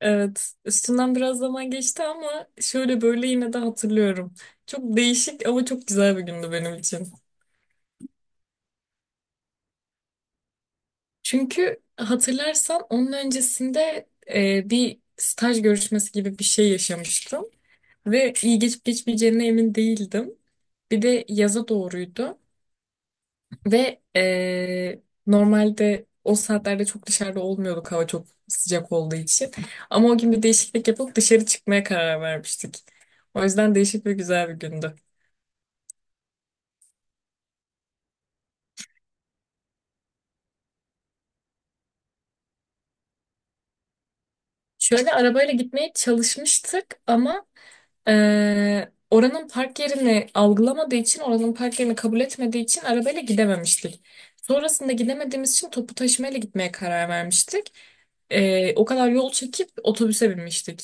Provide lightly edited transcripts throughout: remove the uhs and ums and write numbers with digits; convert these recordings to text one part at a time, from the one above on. Evet, üstünden biraz zaman geçti ama şöyle böyle yine de hatırlıyorum. Çok değişik ama çok güzel bir gündü benim için. Çünkü hatırlarsan onun öncesinde bir staj görüşmesi gibi bir şey yaşamıştım ve iyi geçip geçmeyeceğine emin değildim. Bir de yaza doğruydu ve normalde o saatlerde çok dışarıda olmuyorduk hava çok sıcak olduğu için. Ama o gün bir değişiklik yapıp dışarı çıkmaya karar vermiştik. O yüzden değişik ve güzel bir gündü. Şöyle arabayla gitmeye çalışmıştık ama oranın park yerini algılamadığı için, oranın park yerini kabul etmediği için arabayla gidememiştik. Sonrasında gidemediğimiz için topu taşımayla gitmeye karar vermiştik. O kadar yol çekip otobüse binmiştik.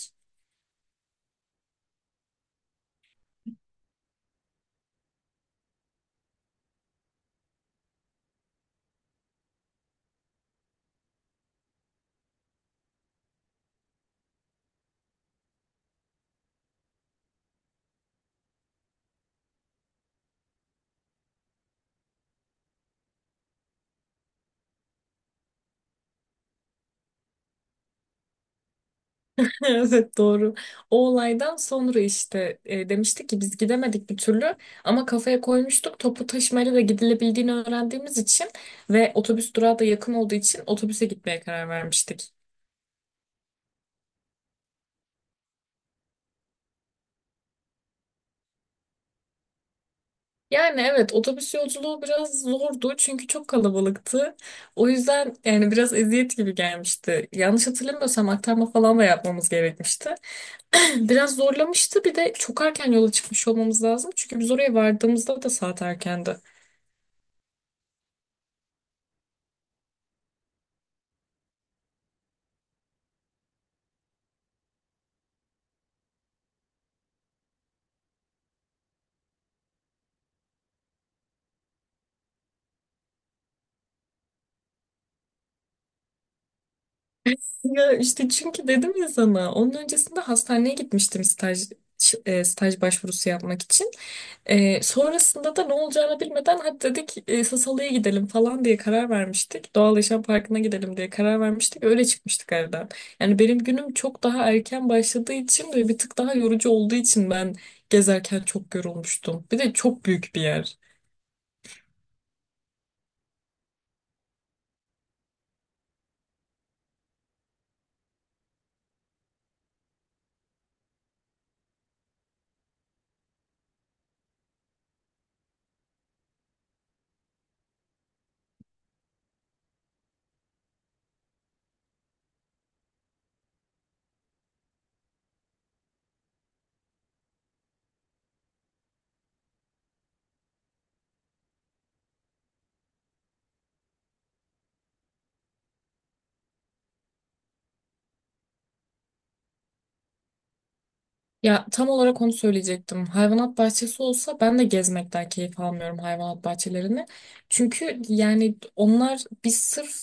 Evet doğru. O olaydan sonra işte demiştik ki biz gidemedik bir türlü ama kafaya koymuştuk topu taşımayla da gidilebildiğini öğrendiğimiz için ve otobüs durağı da yakın olduğu için otobüse gitmeye karar vermiştik. Yani evet otobüs yolculuğu biraz zordu çünkü çok kalabalıktı. O yüzden yani biraz eziyet gibi gelmişti. Yanlış hatırlamıyorsam aktarma falan da yapmamız gerekmişti. Biraz zorlamıştı bir de çok erken yola çıkmış olmamız lazım çünkü biz oraya vardığımızda da saat erkendi. Ya işte çünkü dedim ya sana onun öncesinde hastaneye gitmiştim staj staj başvurusu yapmak için. Sonrasında da ne olacağını bilmeden hadi dedik Sasalı'ya gidelim falan diye karar vermiştik. Doğal Yaşam Parkı'na gidelim diye karar vermiştik. Öyle çıkmıştık evden. Yani benim günüm çok daha erken başladığı için ve bir tık daha yorucu olduğu için ben gezerken çok yorulmuştum. Bir de çok büyük bir yer. Ya tam olarak onu söyleyecektim. Hayvanat bahçesi olsa ben de gezmekten keyif almıyorum hayvanat bahçelerini. Çünkü yani onlar biz sırf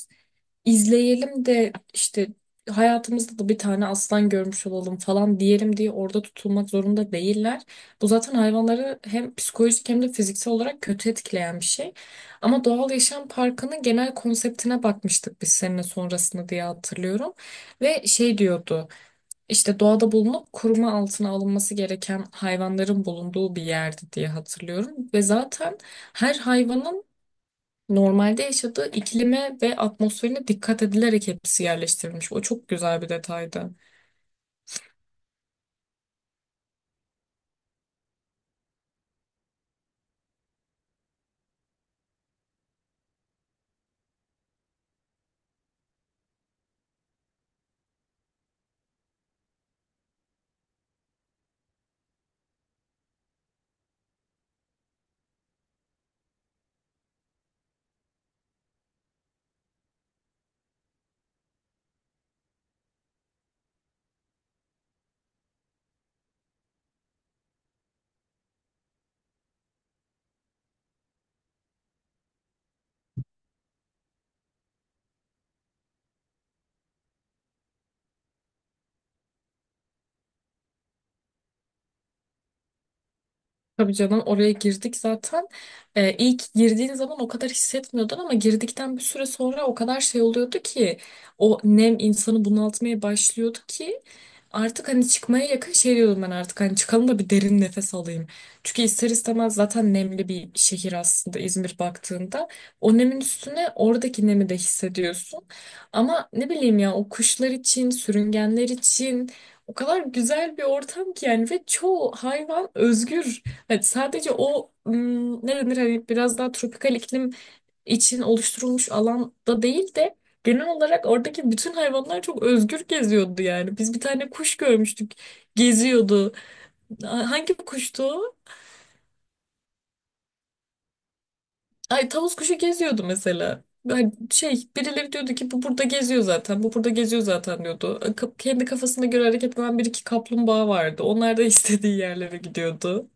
izleyelim de işte hayatımızda da bir tane aslan görmüş olalım falan diyelim diye orada tutulmak zorunda değiller. Bu zaten hayvanları hem psikolojik hem de fiziksel olarak kötü etkileyen bir şey. Ama doğal yaşam parkının genel konseptine bakmıştık biz seninle sonrasında diye hatırlıyorum. Ve şey diyordu işte doğada bulunup koruma altına alınması gereken hayvanların bulunduğu bir yerdi diye hatırlıyorum. Ve zaten her hayvanın normalde yaşadığı iklime ve atmosferine dikkat edilerek hepsi yerleştirilmiş. O çok güzel bir detaydı. Tabii canım oraya girdik zaten. İlk girdiğin zaman o kadar hissetmiyordun ama girdikten bir süre sonra o kadar şey oluyordu ki o nem insanı bunaltmaya başlıyordu ki artık hani çıkmaya yakın şey diyordum ben artık hani çıkalım da bir derin nefes alayım. Çünkü ister istemez zaten nemli bir şehir aslında İzmir baktığında. O nemin üstüne oradaki nemi de hissediyorsun. Ama ne bileyim ya o kuşlar için, sürüngenler için o kadar güzel bir ortam ki yani ve çoğu hayvan özgür. Evet, sadece o ne denir hani biraz daha tropikal iklim için oluşturulmuş alanda değil de genel olarak oradaki bütün hayvanlar çok özgür geziyordu yani. Biz bir tane kuş görmüştük geziyordu. Hangi kuştu o? Ay tavus kuşu geziyordu mesela. Hani şey birileri diyordu ki bu burada geziyor zaten bu burada geziyor zaten diyordu. Kendi kafasına göre hareket eden bir iki kaplumbağa vardı. Onlar da istediği yerlere gidiyordu.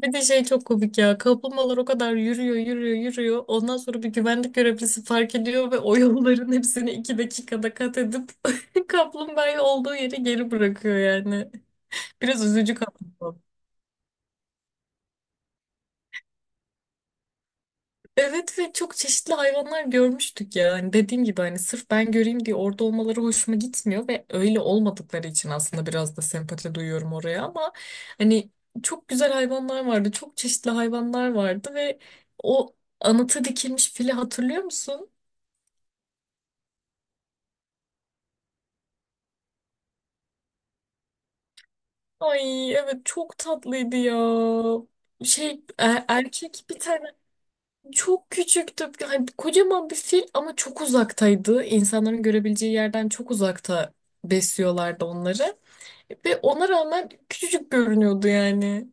Bir de şey çok komik ya. Kaplumbağalar o kadar yürüyor, yürüyor, yürüyor. Ondan sonra bir güvenlik görevlisi fark ediyor ve o yolların hepsini iki dakikada kat edip kaplumbağayı olduğu yere geri bırakıyor yani. Biraz üzücü kaplumbağa. Evet ve çok çeşitli hayvanlar görmüştük ya. Hani dediğim gibi hani sırf ben göreyim diye orada olmaları hoşuma gitmiyor ve öyle olmadıkları için aslında biraz da sempati duyuyorum oraya ama hani çok güzel hayvanlar vardı. Çok çeşitli hayvanlar vardı ve o anıta dikilmiş fili hatırlıyor musun? Ay evet çok tatlıydı ya. Şey erkek bir tane çok küçüktü. Yani kocaman bir fil ama çok uzaktaydı. İnsanların görebileceği yerden çok uzakta besliyorlardı onları. Ve ona rağmen küçücük görünüyordu yani.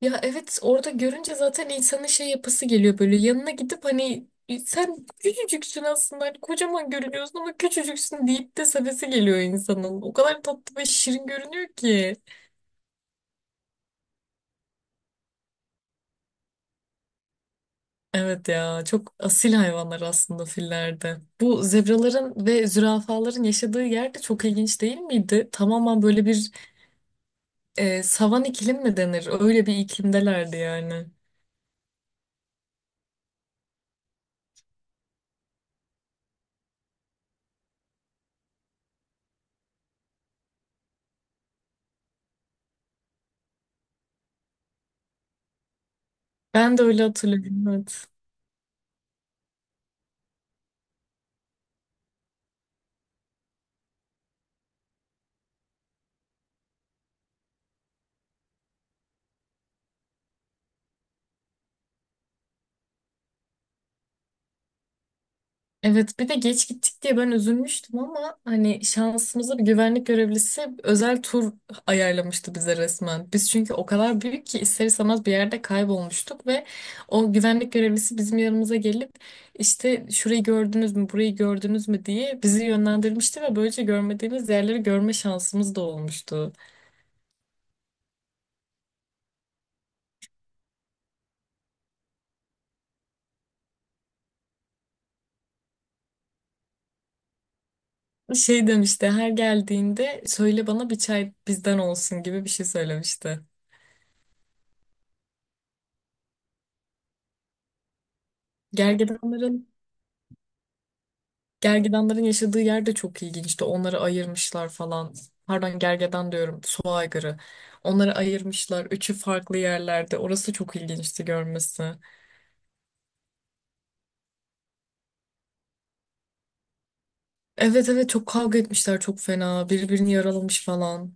Ya evet orada görünce zaten insanın şey yapısı geliyor böyle yanına gidip hani "E, sen küçücüksün aslında hani kocaman görünüyorsun ama küçücüksün deyip de sevesi geliyor insanın. O kadar tatlı ve şirin görünüyor ki. Evet ya çok asil hayvanlar aslında fillerde. Bu zebraların ve zürafaların yaşadığı yer de çok ilginç değil miydi? Tamamen böyle bir savan iklim mi denir? Öyle bir iklimdelerdi yani. Ben de öyle hatırlıyorum. Evet. Evet bir de geç gittik diye ben üzülmüştüm ama hani şansımıza bir güvenlik görevlisi özel tur ayarlamıştı bize resmen. Biz çünkü o kadar büyük ki ister istemez bir yerde kaybolmuştuk ve o güvenlik görevlisi bizim yanımıza gelip işte şurayı gördünüz mü burayı gördünüz mü diye bizi yönlendirmişti ve böylece görmediğimiz yerleri görme şansımız da olmuştu. Şey demişti her geldiğinde söyle bana bir çay bizden olsun gibi bir şey söylemişti. Gergedanların Gergedanların yaşadığı yer de çok ilginçti. Onları ayırmışlar falan. Pardon gergedan diyorum. Su aygırı. Onları ayırmışlar. Üçü farklı yerlerde. Orası çok ilginçti görmesi. Evet evet çok kavga etmişler çok fena. Birbirini yaralamış falan.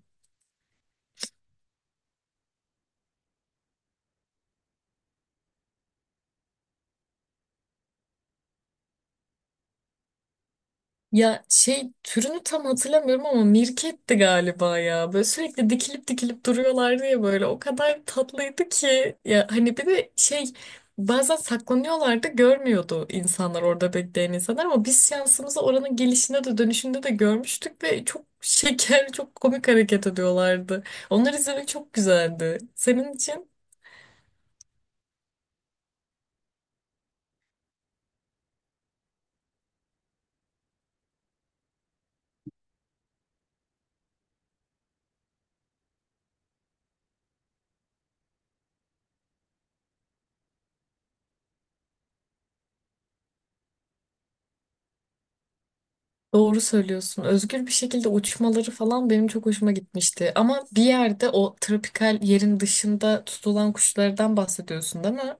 Ya şey türünü tam hatırlamıyorum ama mirketti galiba ya. Böyle sürekli dikilip dikilip duruyorlardı ya böyle. O kadar tatlıydı ki. Ya hani bir de şey bazen saklanıyorlardı görmüyordu insanlar orada bekleyen insanlar ama biz şansımızı oranın gelişinde de dönüşünde de görmüştük ve çok şeker çok komik hareket ediyorlardı. Onları izlemek çok güzeldi. Senin için? Doğru söylüyorsun. Özgür bir şekilde uçmaları falan benim çok hoşuma gitmişti. Ama bir yerde o tropikal yerin dışında tutulan kuşlardan bahsediyorsun değil mi?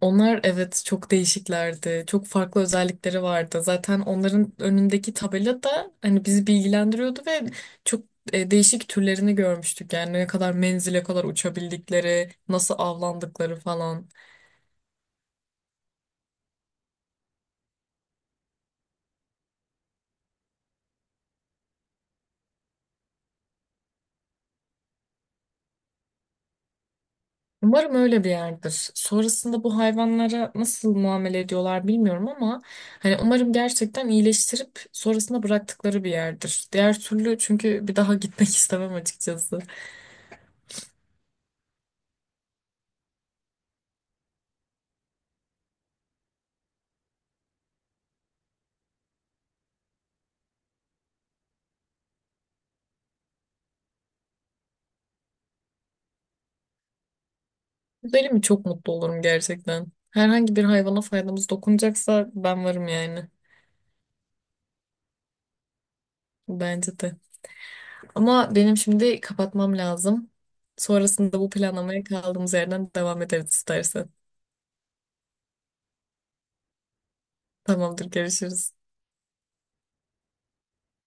Onlar evet çok değişiklerdi. Çok farklı özellikleri vardı. Zaten onların önündeki tabela da hani bizi bilgilendiriyordu ve çok değişik türlerini görmüştük. Yani ne kadar menzile kadar uçabildikleri, nasıl avlandıkları falan. Umarım öyle bir yerdir. Sonrasında bu hayvanlara nasıl muamele ediyorlar bilmiyorum ama hani umarım gerçekten iyileştirip sonrasında bıraktıkları bir yerdir. Diğer türlü çünkü bir daha gitmek istemem açıkçası. Gidelim mi çok mutlu olurum gerçekten. Herhangi bir hayvana faydamız dokunacaksa ben varım yani. Bence de. Ama benim şimdi kapatmam lazım. Sonrasında bu planlamaya kaldığımız yerden devam ederiz istersen. Tamamdır, görüşürüz.